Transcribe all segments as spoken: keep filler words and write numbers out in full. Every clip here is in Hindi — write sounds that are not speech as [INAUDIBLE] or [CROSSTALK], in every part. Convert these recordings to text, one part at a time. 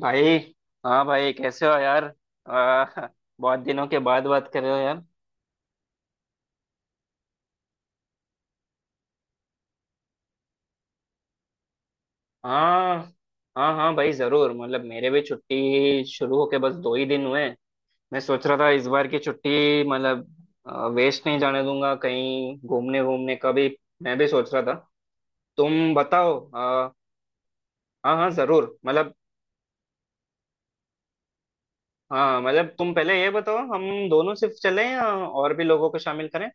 भाई। हाँ भाई, कैसे हो यार। आ, बहुत दिनों के बाद बात कर रहे हो यार। हाँ हाँ हाँ भाई जरूर, मतलब मेरे भी छुट्टी शुरू होके बस दो ही दिन हुए हैं। मैं सोच रहा था इस बार की छुट्टी मतलब वेस्ट नहीं जाने दूंगा, कहीं घूमने घूमने का भी। मैं भी सोच रहा था, तुम बताओ। आ, हाँ हाँ जरूर, मतलब हाँ मतलब तुम पहले ये बताओ, हम दोनों सिर्फ चलें या और भी लोगों को शामिल करें।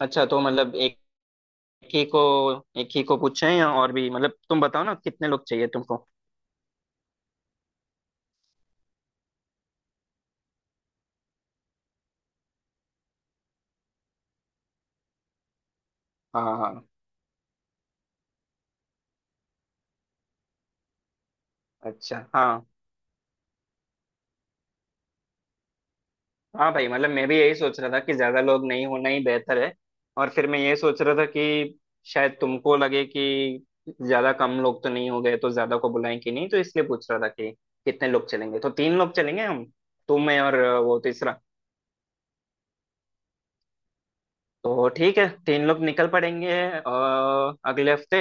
अच्छा, तो मतलब एक एक ही को, एक ही को पूछें या और भी, मतलब तुम बताओ ना कितने लोग चाहिए तुमको। हाँ हाँ हाँ। अच्छा हाँ, हाँ भाई मतलब मैं भी यही सोच रहा था कि ज्यादा लोग नहीं होना ही बेहतर है। और फिर मैं ये सोच रहा था कि शायद तुमको लगे कि ज्यादा कम लोग तो नहीं हो गए, तो ज्यादा को बुलाएं कि नहीं, तो इसलिए पूछ रहा था कि कितने लोग चलेंगे। तो तीन लोग चलेंगे हम, तुम मैं और वो तीसरा। तो ठीक है तीन लोग निकल पड़ेंगे अ, अगले हफ्ते।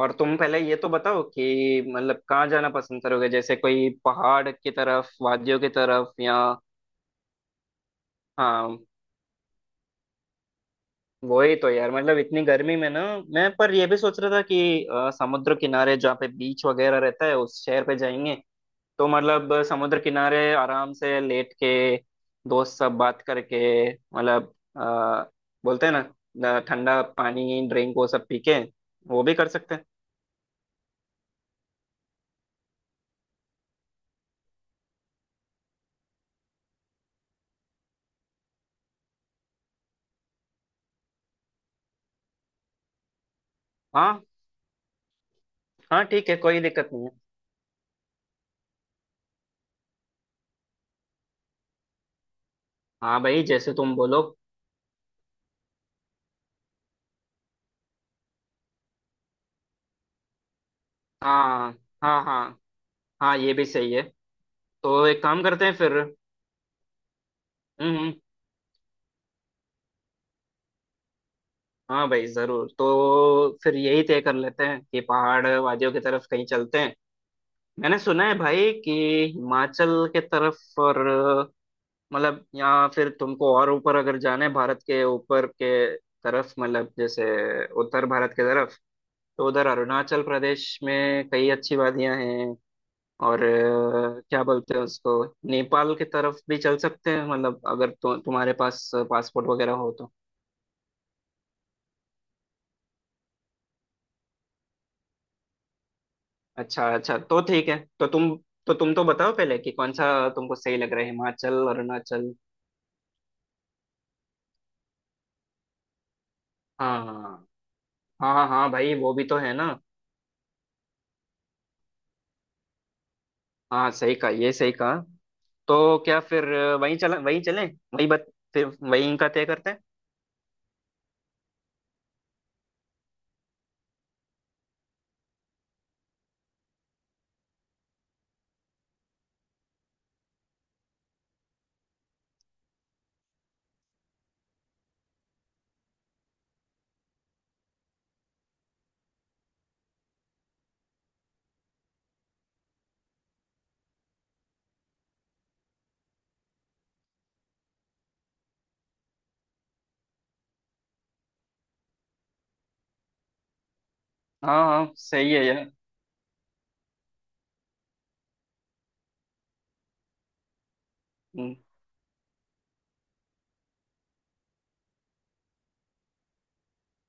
और तुम पहले ये तो बताओ कि मतलब कहाँ जाना पसंद करोगे, जैसे कोई पहाड़ की तरफ, वादियों की तरफ या। हाँ वही तो यार, मतलब इतनी गर्मी में ना, मैं पर ये भी सोच रहा था कि अ, समुद्र किनारे जहाँ पे बीच वगैरह रहता है उस शहर पे जाएंगे। तो मतलब समुद्र किनारे आराम से लेट के दोस्त सब बात करके, मतलब अ, बोलते हैं ना अ, ठंडा पानी ड्रिंक वो सब पी के वो भी कर सकते हैं। हाँ हाँ, ठीक है कोई दिक्कत नहीं है। हाँ भाई जैसे तुम बोलो। हाँ हाँ हाँ। हाँ ये भी सही है। तो एक काम करते हैं फिर। हम्म हम्म। हाँ भाई जरूर, तो फिर यही तय कर लेते हैं कि पहाड़ वादियों की तरफ कहीं चलते हैं। मैंने सुना है भाई कि हिमाचल के तरफ, और मतलब यहाँ फिर तुमको और ऊपर अगर जाना है, भारत के ऊपर के तरफ मतलब जैसे उत्तर भारत के तरफ, तो उधर अरुणाचल प्रदेश में कई अच्छी वादियां हैं। और अ, क्या बोलते हैं उसको, नेपाल की तरफ भी चल सकते हैं, मतलब अगर तु, तुम्हारे पास पासपोर्ट वगैरह हो तो। अच्छा अच्छा, तो ठीक है तो तुम, तो तुम तो बताओ पहले कि कौन सा तुमको सही लग रहा है, हिमाचल अरुणाचल। हाँ हाँ। हाँ हाँ भाई वो भी तो है ना। हाँ सही कहा, ये सही कहा। तो क्या फिर वहीं चला वहीं चलें, वहीं बत फिर वहीं का तय करते हैं। हाँ हाँ सही है यार। हम्म।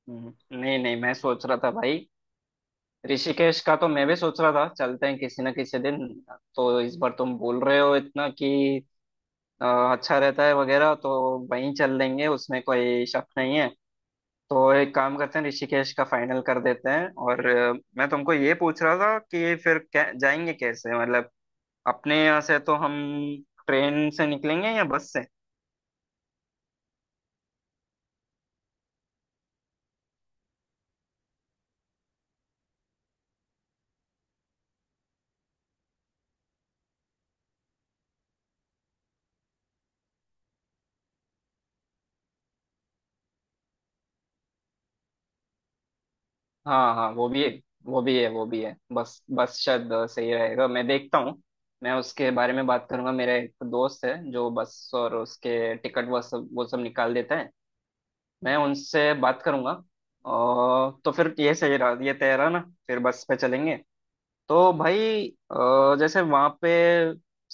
हम्म। नहीं नहीं मैं सोच रहा था भाई, ऋषिकेश का तो मैं भी सोच रहा था चलते हैं किसी ना किसी दिन। तो इस बार तुम बोल रहे हो इतना कि अ, अच्छा रहता है वगैरह, तो वहीं चल लेंगे उसमें कोई शक नहीं है। तो एक काम करते हैं ऋषिकेश का फाइनल कर देते हैं और अ, मैं तुमको ये पूछ रहा था कि फिर कै, जाएंगे कैसे, मतलब अपने यहाँ से तो हम ट्रेन से निकलेंगे या बस से। हाँ हाँ वो भी है, वो भी है वो भी है, बस बस शायद सही रहेगा, मैं देखता हूँ। मैं उसके बारे में बात करूंगा, मेरा एक दोस्त है जो बस और उसके टिकट वो सब वो सब निकाल देता है। मैं उनसे बात करूंगा। और तो फिर ये सही रहा, ये तय रहा ना, फिर बस पे चलेंगे। तो भाई अ, जैसे वहाँ पे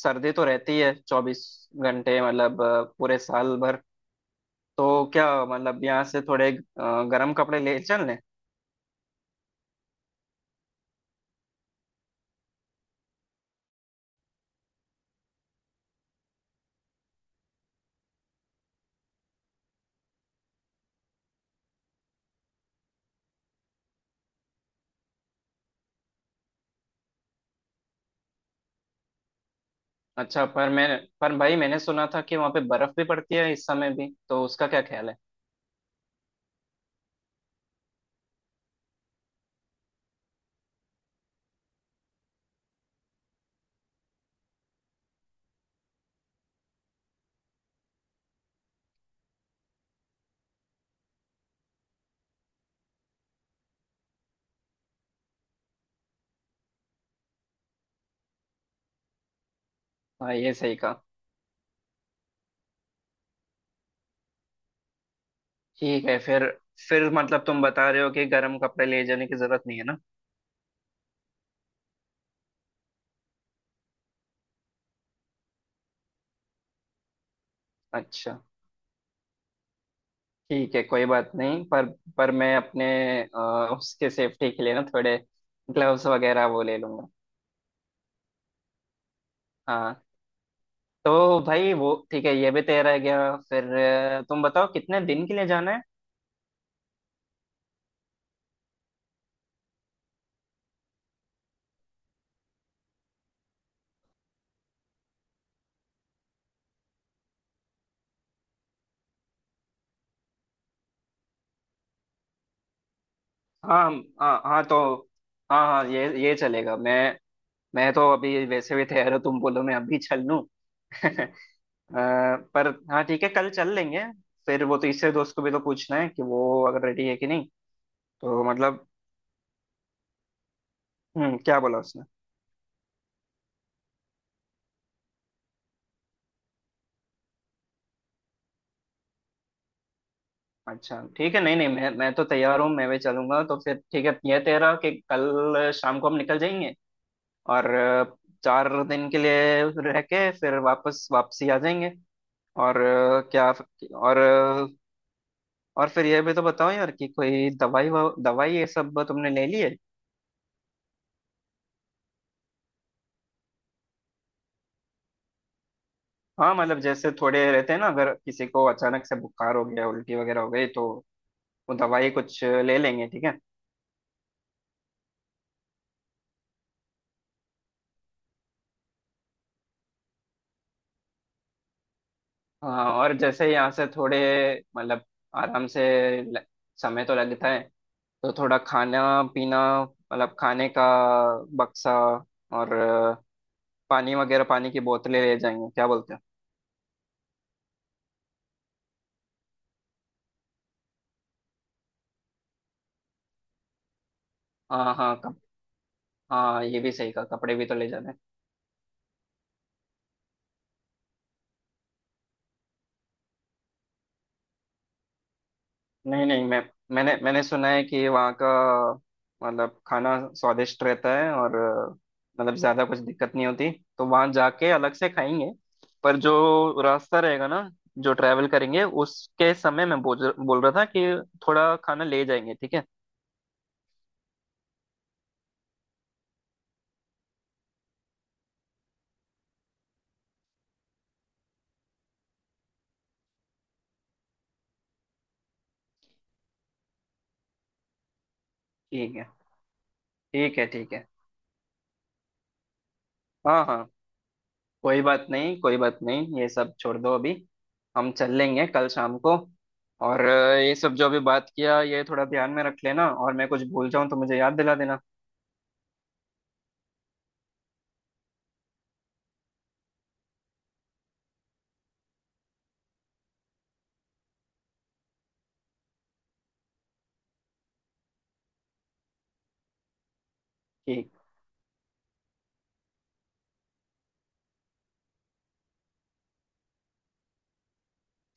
सर्दी तो रहती है चौबीस घंटे, मतलब अ, पूरे साल भर। तो क्या मतलब यहाँ से थोड़े अ, गर्म कपड़े ले चलें। अच्छा, पर मैं, पर भाई मैंने सुना था कि वहां पे बर्फ भी पड़ती है इस समय भी, तो उसका क्या ख्याल है। हाँ ये सही कहा। ठीक है फिर फिर मतलब तुम बता रहे हो कि गर्म कपड़े ले जाने की जरूरत नहीं है ना। अच्छा ठीक है, कोई बात नहीं। पर, पर मैं अपने अ, उसके सेफ्टी के लिए ना, थोड़े ग्लव्स वगैरह वो ले लूंगा। हाँ। तो भाई वो ठीक है, ये भी तय रह गया फिर। अ, तुम बताओ कितने दिन के लिए जाना है। हाँ हाँ। हाँ तो हाँ हाँ ये ये चलेगा, मैं मैं तो अभी वैसे भी तैयार हूँ, तुम बोलो मैं अभी चल लूँ। [LAUGHS] अ, पर हाँ ठीक है, कल चल लेंगे। फिर वो तीसरे दोस्त को भी तो पूछना है कि वो अगर रेडी है कि नहीं। तो मतलब हम्म, क्या बोला उसने। अच्छा ठीक है, नहीं नहीं मैं, मैं तो तैयार हूँ, मैं भी चलूंगा। तो फिर ठीक है, यह तय रहा कि कल शाम को हम निकल जाएंगे और अ, चार दिन के लिए रह के फिर वापस वापसी आ जाएंगे। और अ, क्या, और अ, और फिर यह भी तो बताओ यार कि कोई दवाई वा- दवाई ये सब तुमने ले ली है। हाँ मतलब जैसे थोड़े रहते हैं ना, अगर किसी को अचानक से बुखार हो गया, उल्टी वगैरह हो गई तो वो दवाई कुछ ले लेंगे ठीक है। हाँ और जैसे यहाँ से थोड़े मतलब आराम से ल- समय तो लगता है, तो थोड़ा खाना पीना मतलब खाने का बक्सा और अ, पानी वगैरह, पानी की बोतलें ले जाएंगे क्या बोलते हो। हाँ हाँ कप हाँ ये भी सही कहा, कपड़े भी तो ले जाने हैं। नहीं नहीं मैं, मैंने मैंने सुना है कि वहाँ का मतलब खाना स्वादिष्ट रहता है और अ, मतलब ज्यादा कुछ दिक्कत नहीं होती, तो वहाँ जाके अलग से खाएंगे। पर जो रास्ता रहेगा ना, जो ट्रैवल करेंगे उसके समय मैं बोल बोल रहा था कि थोड़ा खाना ले जाएंगे ठीक है। ठीक है ठीक है ठीक है। हाँ हाँ कोई बात नहीं, कोई बात नहीं, ये सब छोड़ दो अभी। हम चल लेंगे कल शाम को। और अ, ये सब जो अभी बात किया ये थोड़ा ध्यान में रख लेना, और मैं कुछ भूल जाऊं तो मुझे याद दिला देना। ठीक।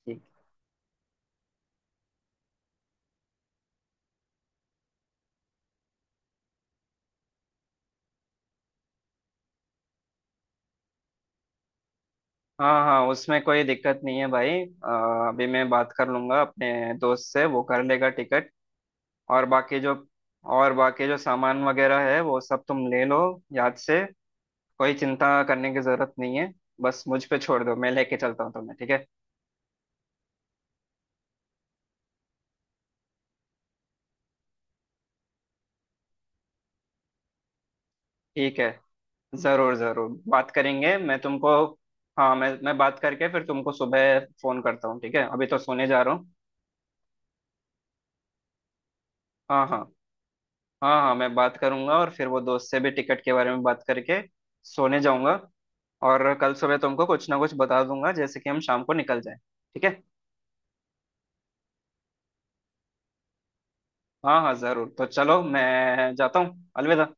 ठीक। हाँ हाँ उसमें कोई दिक्कत नहीं है भाई, अ, अभी मैं बात कर लूंगा अपने दोस्त से, वो कर लेगा टिकट। और बाकी जो और बाकी जो सामान वगैरह है वो सब तुम ले लो, याद से। कोई चिंता करने की जरूरत नहीं है, बस मुझ पे छोड़ दो, मैं लेके चलता हूँ तुम्हें ठीक है। ठीक है, जरूर जरूर बात करेंगे, मैं तुमको, हाँ मैं मैं बात करके फिर तुमको सुबह फोन करता हूँ ठीक है, अभी तो सोने जा रहा हूँ। हाँ हाँ। हाँ हाँ मैं बात करूंगा और फिर वो दोस्त से भी टिकट के बारे में बात करके सोने जाऊंगा। और कल सुबह तुमको कुछ ना कुछ बता दूंगा जैसे कि हम शाम को निकल जाएं ठीक है। हाँ हाँ जरूर, तो चलो मैं जाता हूँ, अलविदा।